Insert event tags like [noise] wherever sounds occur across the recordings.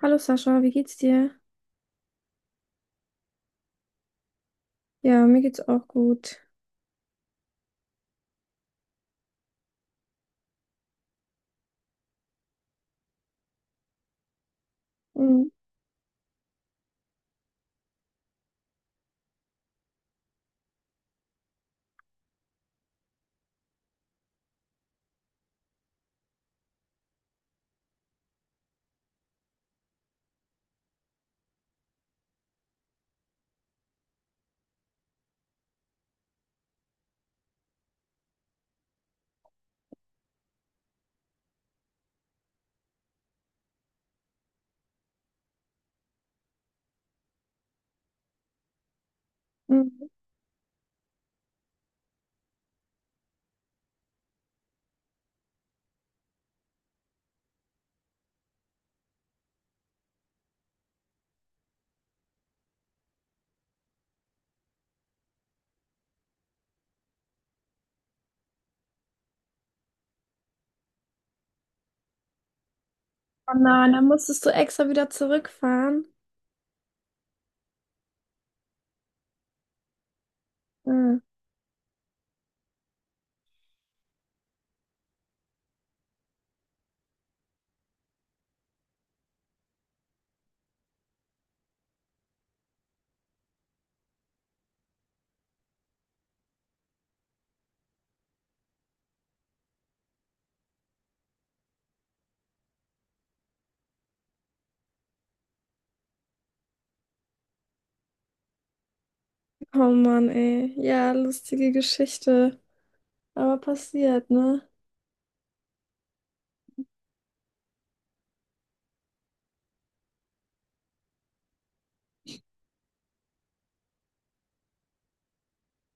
Hallo Sascha, wie geht's dir? Ja, mir geht's auch gut. Mhm. Mhm. Oh nein, dann musstest du extra wieder zurückfahren. Mhm. Oh Mann, ey. Ja, lustige Geschichte. Aber passiert, ne?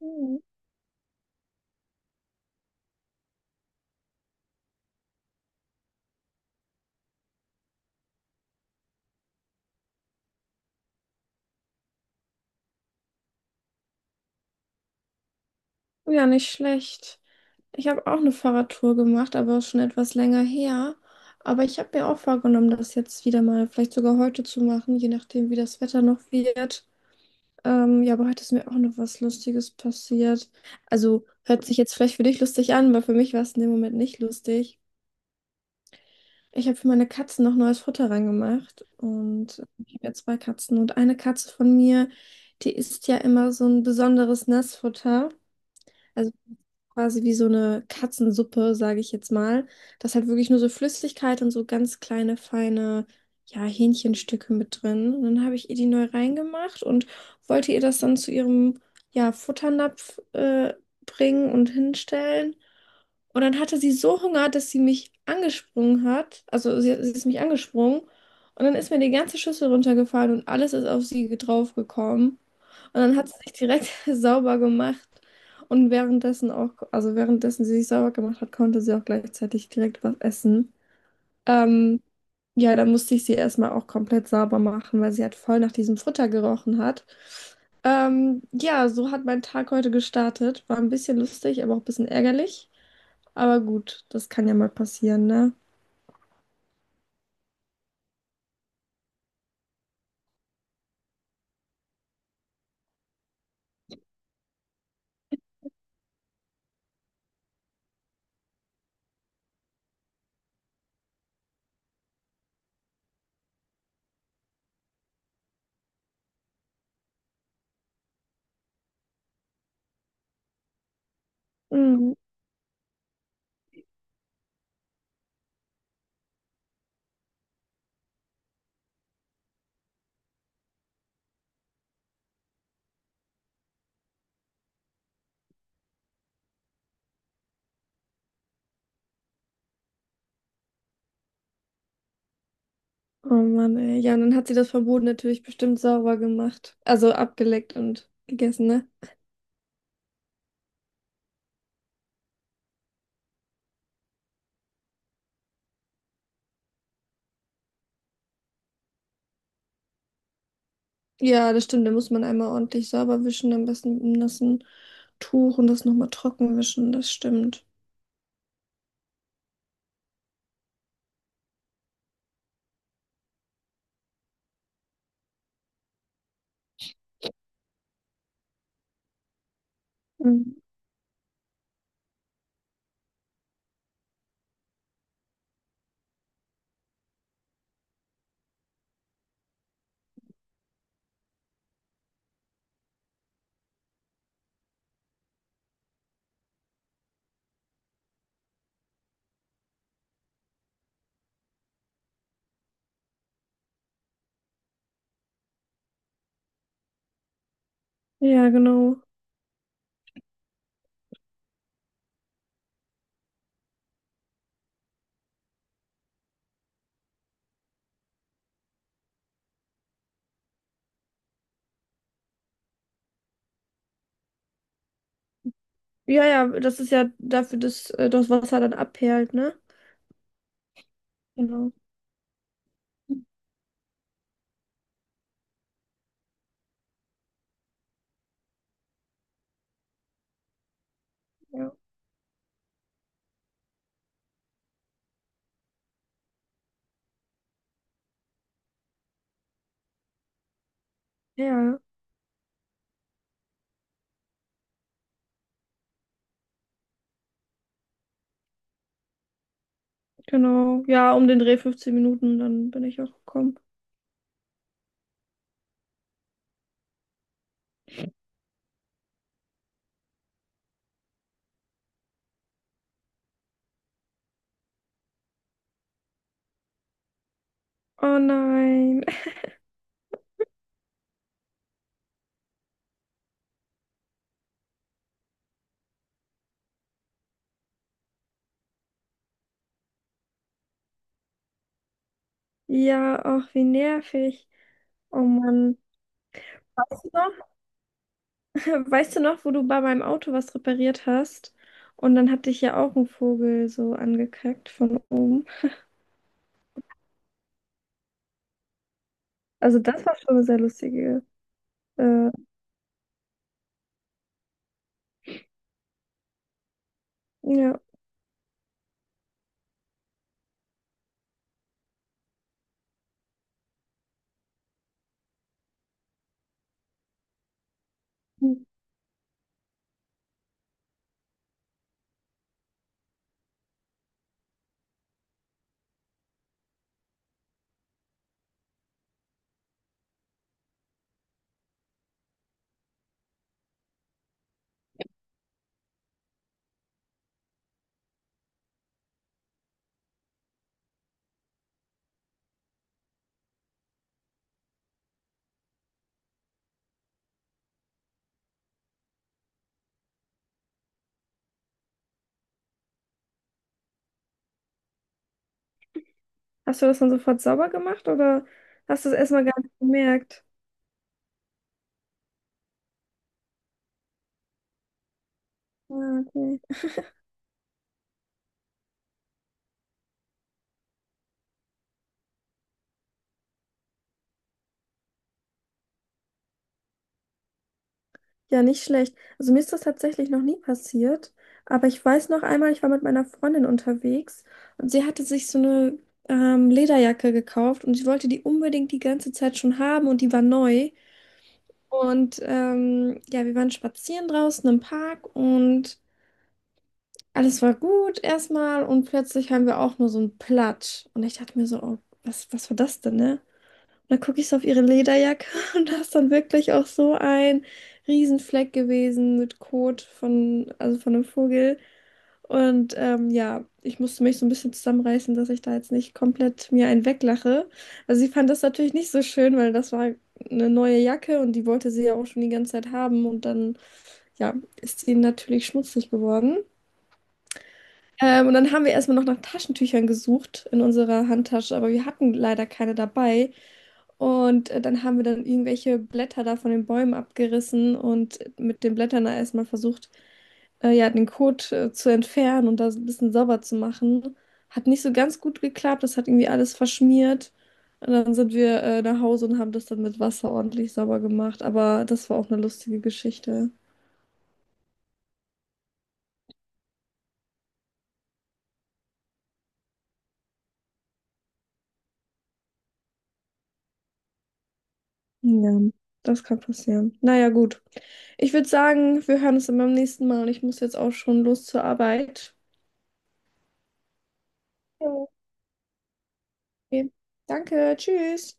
Mhm. Ja, nicht schlecht. Ich habe auch eine Fahrradtour gemacht, aber schon etwas länger her. Aber ich habe mir auch vorgenommen, das jetzt wieder mal, vielleicht sogar heute zu machen, je nachdem, wie das Wetter noch wird. Ja, aber heute ist mir auch noch was Lustiges passiert. Also hört sich jetzt vielleicht für dich lustig an, aber für mich war es in dem Moment nicht lustig. Ich habe für meine Katzen noch neues Futter reingemacht und ich habe ja zwei Katzen und eine Katze von mir, die isst ja immer so ein besonderes Nassfutter. Also quasi wie so eine Katzensuppe, sage ich jetzt mal. Da ist halt wirklich nur so Flüssigkeit und so ganz kleine, feine, ja, Hähnchenstücke mit drin. Und dann habe ich ihr die neu reingemacht und wollte ihr das dann zu ihrem, ja, Futternapf bringen und hinstellen. Und dann hatte sie so Hunger, dass sie mich angesprungen hat. Also sie ist mich angesprungen. Und dann ist mir die ganze Schüssel runtergefallen und alles ist auf sie draufgekommen. Und dann hat sie sich direkt [laughs] sauber gemacht. Und währenddessen auch, also währenddessen sie sich sauber gemacht hat, konnte sie auch gleichzeitig direkt was essen. Ähm, ja, dann musste ich sie erstmal auch komplett sauber machen, weil sie halt voll nach diesem Futter gerochen hat. Ja, so hat mein Tag heute gestartet. War ein bisschen lustig, aber auch ein bisschen ärgerlich. Aber gut, das kann ja mal passieren, ne? Mhm. Oh Mann, ey. Ja, und dann hat sie das Verbot natürlich bestimmt sauber gemacht. Also abgeleckt und gegessen, ne? Ja, das stimmt. Da muss man einmal ordentlich sauber wischen, am besten mit einem nassen Tuch und das nochmal trocken wischen. Das stimmt. Mhm. Ja, genau. Ja, ja, das ist ja dafür, dass das Wasser dann abperlt, ne? Genau. Ja. Ja, genau. Ja, um den Dreh 15 Minuten, dann bin ich auch gekommen. Oh nein. [laughs] Ja, ach, wie nervig. Oh Mann. Weißt du noch, [laughs] weißt du noch, wo du bei meinem Auto was repariert hast? Und dann hat dich ja auch ein Vogel so angekackt von oben. Also das war schon eine sehr lustige. Äh, ja. Hast du das dann sofort sauber gemacht oder hast du es erstmal gar nicht gemerkt? Ja, okay. Ja, nicht schlecht. Also mir ist das tatsächlich noch nie passiert, aber ich weiß noch einmal, ich war mit meiner Freundin unterwegs und sie hatte sich so eine Lederjacke gekauft und sie wollte die unbedingt die ganze Zeit schon haben und die war neu. Und ja, wir waren spazieren draußen im Park und alles war gut erstmal und plötzlich haben wir auch nur so einen Platsch. Und ich dachte mir so, oh, was, was war das denn, ne? Und dann gucke ich so auf ihre Lederjacke [laughs] und da ist dann wirklich auch so ein Riesenfleck gewesen mit Kot von, also von einem Vogel. Und ja, ich musste mich so ein bisschen zusammenreißen, dass ich da jetzt nicht komplett mir einen weglache. Also sie fand das natürlich nicht so schön, weil das war eine neue Jacke und die wollte sie ja auch schon die ganze Zeit haben. Und dann, ja, ist sie natürlich schmutzig geworden. Und dann haben wir erstmal noch nach Taschentüchern gesucht in unserer Handtasche, aber wir hatten leider keine dabei. Und dann haben wir dann irgendwelche Blätter da von den Bäumen abgerissen und mit den Blättern da erstmal versucht, ja, den Code zu entfernen und das ein bisschen sauber zu machen. Hat nicht so ganz gut geklappt. Das hat irgendwie alles verschmiert. Und dann sind wir nach Hause und haben das dann mit Wasser ordentlich sauber gemacht. Aber das war auch eine lustige Geschichte. Ja, das kann passieren. Naja, gut. Ich würde sagen, wir hören uns dann beim nächsten Mal und ich muss jetzt auch schon los zur Arbeit. Jo. Okay. Danke, tschüss.